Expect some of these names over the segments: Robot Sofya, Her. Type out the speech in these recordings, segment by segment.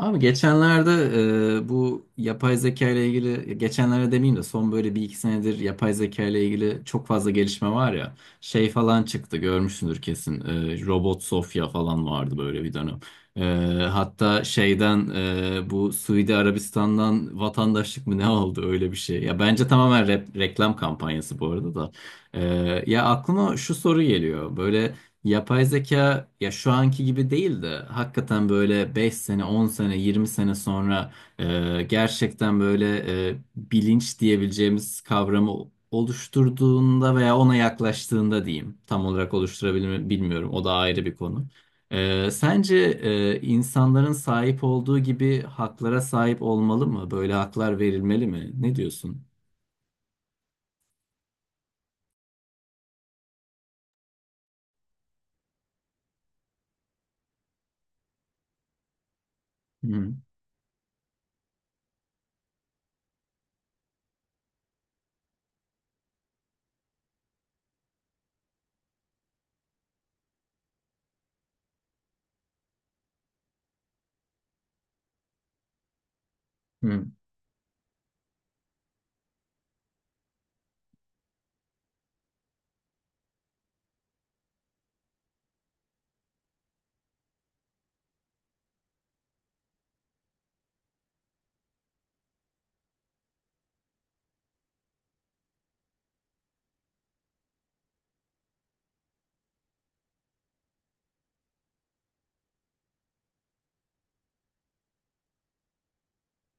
Abi geçenlerde bu yapay zeka ile ilgili geçenlerde demeyeyim de son böyle bir iki senedir yapay zeka ile ilgili çok fazla gelişme var ya şey falan çıktı görmüşsündür kesin. Robot Sofya falan vardı böyle bir dönem. E, Hatta şeyden bu Suudi Arabistan'dan vatandaşlık mı ne oldu öyle bir şey. Ya bence tamamen reklam kampanyası bu arada da. E, Ya aklıma şu soru geliyor böyle. Yapay zeka ya şu anki gibi değil de hakikaten böyle 5 sene, 10 sene, 20 sene sonra gerçekten böyle bilinç diyebileceğimiz kavramı oluşturduğunda veya ona yaklaştığında diyeyim. Tam olarak oluşturabilir mi bilmiyorum. O da ayrı bir konu. Sence insanların sahip olduğu gibi haklara sahip olmalı mı? Böyle haklar verilmeli mi? Ne diyorsun? Hı hı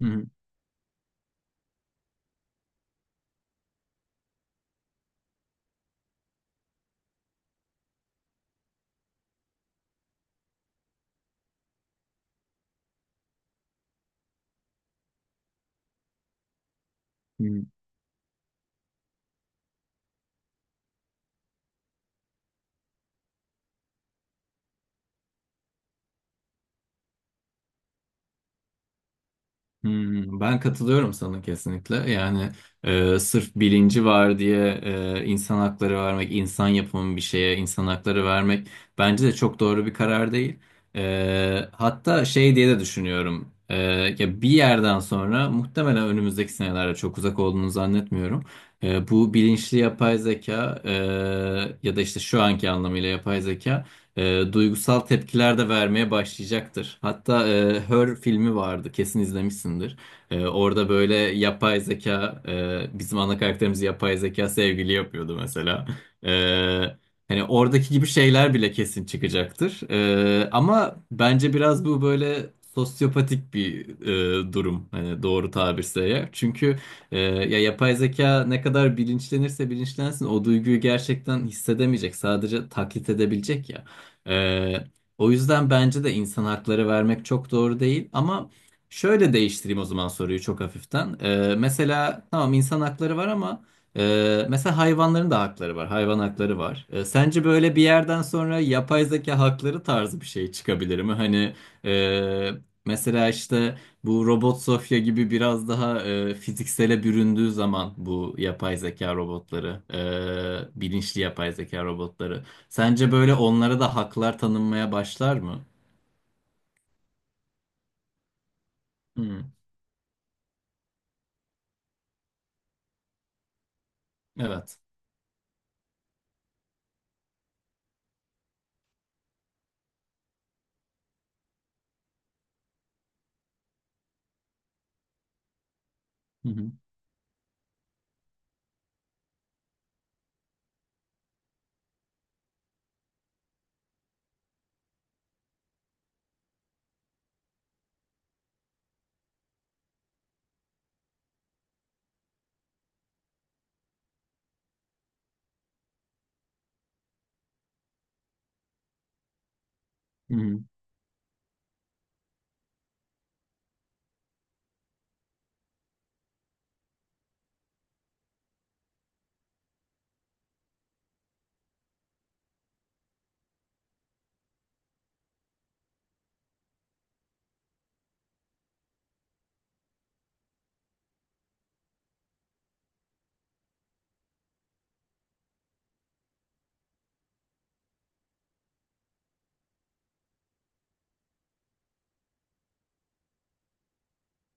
hı hı. Hmm, ben katılıyorum sana kesinlikle. Yani sırf bilinci var diye insan hakları vermek, insan yapımı bir şeye insan hakları vermek bence de çok doğru bir karar değil. Hatta şey diye de düşünüyorum. Ya bir yerden sonra muhtemelen önümüzdeki senelerde çok uzak olduğunu zannetmiyorum. Bu bilinçli yapay zeka ya da işte şu anki anlamıyla yapay zeka duygusal tepkiler de vermeye başlayacaktır. Hatta Her filmi vardı, kesin izlemişsindir. Orada böyle yapay zeka, bizim ana karakterimiz yapay zeka sevgili yapıyordu mesela. Hani oradaki gibi şeyler bile kesin çıkacaktır. Ama bence biraz bu böyle sosyopatik bir durum. Hani doğru tabirse eğer. Çünkü ya yapay zeka ne kadar bilinçlenirse bilinçlensin o duyguyu gerçekten hissedemeyecek. Sadece taklit edebilecek. ee, O yüzden bence de insan hakları vermek çok doğru değil. Ama şöyle değiştireyim o zaman soruyu çok hafiften. Mesela tamam insan hakları var ama mesela hayvanların da hakları var. Hayvan hakları var. Sence böyle bir yerden sonra yapay zeka hakları tarzı bir şey çıkabilir mi? Hani e, mesela işte bu Robot Sofya gibi biraz daha fiziksele büründüğü zaman bu yapay zeka robotları, bilinçli yapay zeka robotları. Sence böyle onlara da haklar tanınmaya başlar mı? Hı. Evet. Hı hı. Hı hı.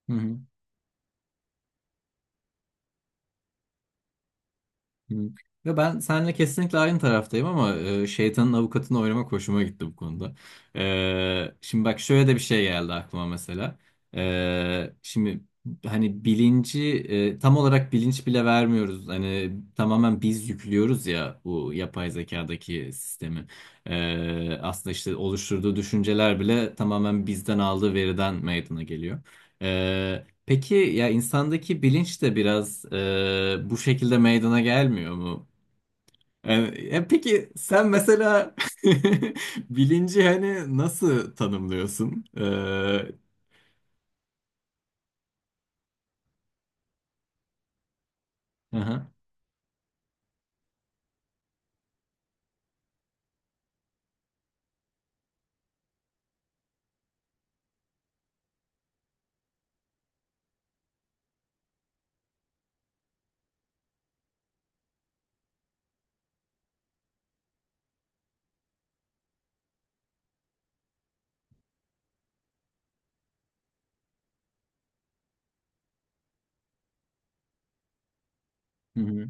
Hı hı. Hı. Ya ben seninle kesinlikle aynı taraftayım ama şeytanın avukatını oynamak hoşuma gitti bu konuda. Şimdi bak şöyle de bir şey geldi aklıma mesela. Şimdi hani bilinci tam olarak bilinç bile vermiyoruz. Hani tamamen biz yüklüyoruz ya bu yapay zekadaki sistemi. Aslında işte oluşturduğu düşünceler bile tamamen bizden aldığı veriden meydana geliyor. E, Peki ya insandaki bilinç de biraz bu şekilde meydana gelmiyor mu? Yani, peki sen mesela bilinci hani nasıl tanımlıyorsun? Aha, hı hı,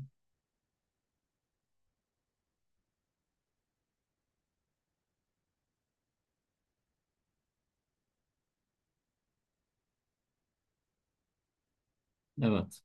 evet.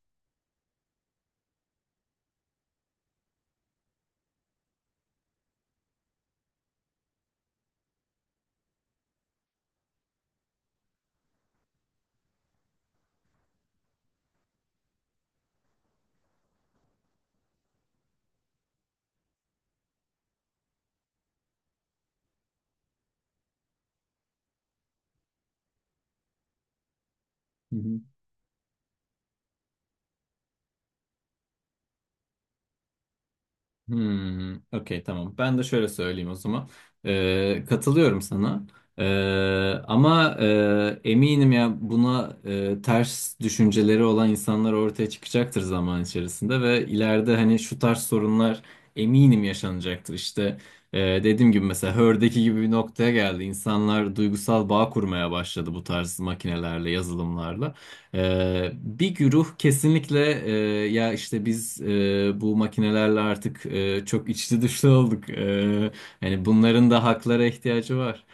Hmm, okey tamam. Ben de şöyle söyleyeyim o zaman. Katılıyorum sana. Ee, Ama eminim ya buna ters düşünceleri olan insanlar ortaya çıkacaktır zaman içerisinde ve ileride hani şu tarz sorunlar eminim yaşanacaktır. İşte e, dediğim gibi mesela Hör'deki gibi bir noktaya geldi. İnsanlar duygusal bağ kurmaya başladı bu tarz makinelerle, yazılımlarla. Bir güruh kesinlikle ya işte biz bu makinelerle artık çok içli dışlı olduk. Yani bunların da haklara ihtiyacı var.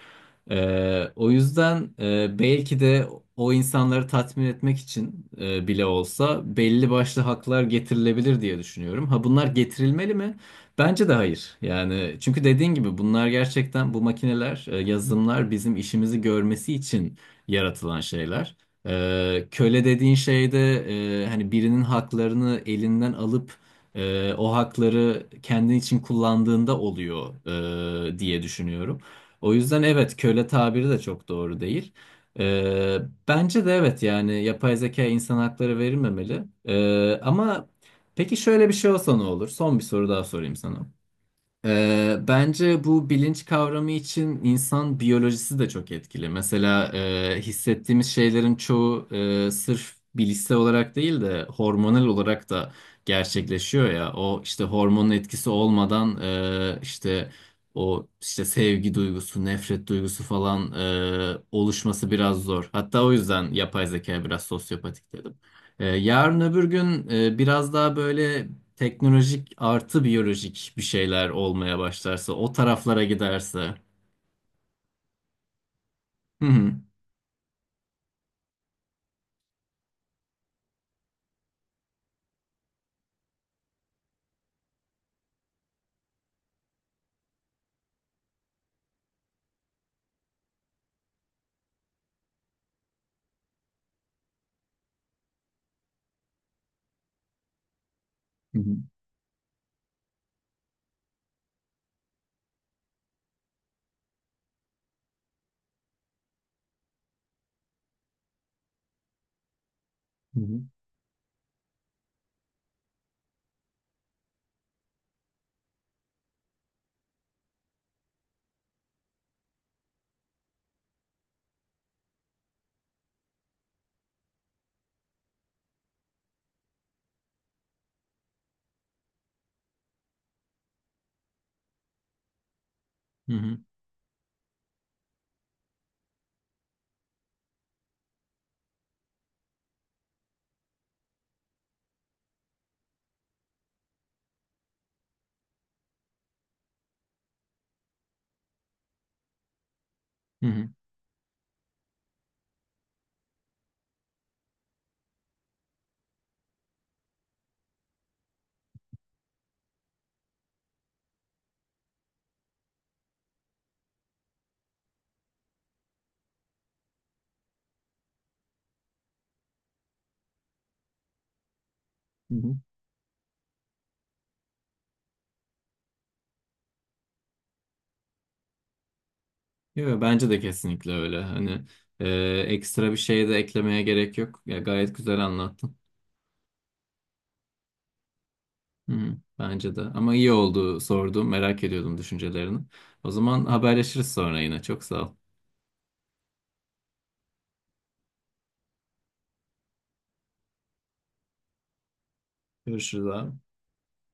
O yüzden belki de o insanları tatmin etmek için bile olsa belli başlı haklar getirilebilir diye düşünüyorum. Ha bunlar getirilmeli mi? Bence de hayır. Yani çünkü dediğin gibi bunlar gerçekten bu makineler, yazılımlar bizim işimizi görmesi için yaratılan şeyler. Köle dediğin şey de hani birinin haklarını elinden alıp o hakları kendin için kullandığında oluyor diye düşünüyorum. O yüzden evet köle tabiri de çok doğru değil. Ee, Bence de evet yani yapay zeka insan hakları verilmemeli. Ama peki şöyle bir şey olsa ne olur? Son bir soru daha sorayım sana. Bence bu bilinç kavramı için insan biyolojisi de çok etkili. Mesela hissettiğimiz şeylerin çoğu sırf bilişsel olarak değil de hormonal olarak da gerçekleşiyor ya. O işte hormonun etkisi olmadan işte o işte sevgi duygusu, nefret duygusu falan oluşması biraz zor. Hatta o yüzden yapay zeka biraz sosyopatik dedim. Yarın öbür gün biraz daha böyle teknolojik artı biyolojik bir şeyler olmaya başlarsa, o taraflara giderse. Hı hı. Hı hı. Hı hı. Hı hı. Hı hı. Hı hı. Yo, bence de kesinlikle öyle. Hani e, ekstra bir şey de eklemeye gerek yok. Ya gayet güzel anlattın. Hı hı. Bence de. Ama iyi oldu sordum. Merak ediyordum düşüncelerini. O zaman haberleşiriz sonra yine. Çok sağ ol. Görüşürüz abi.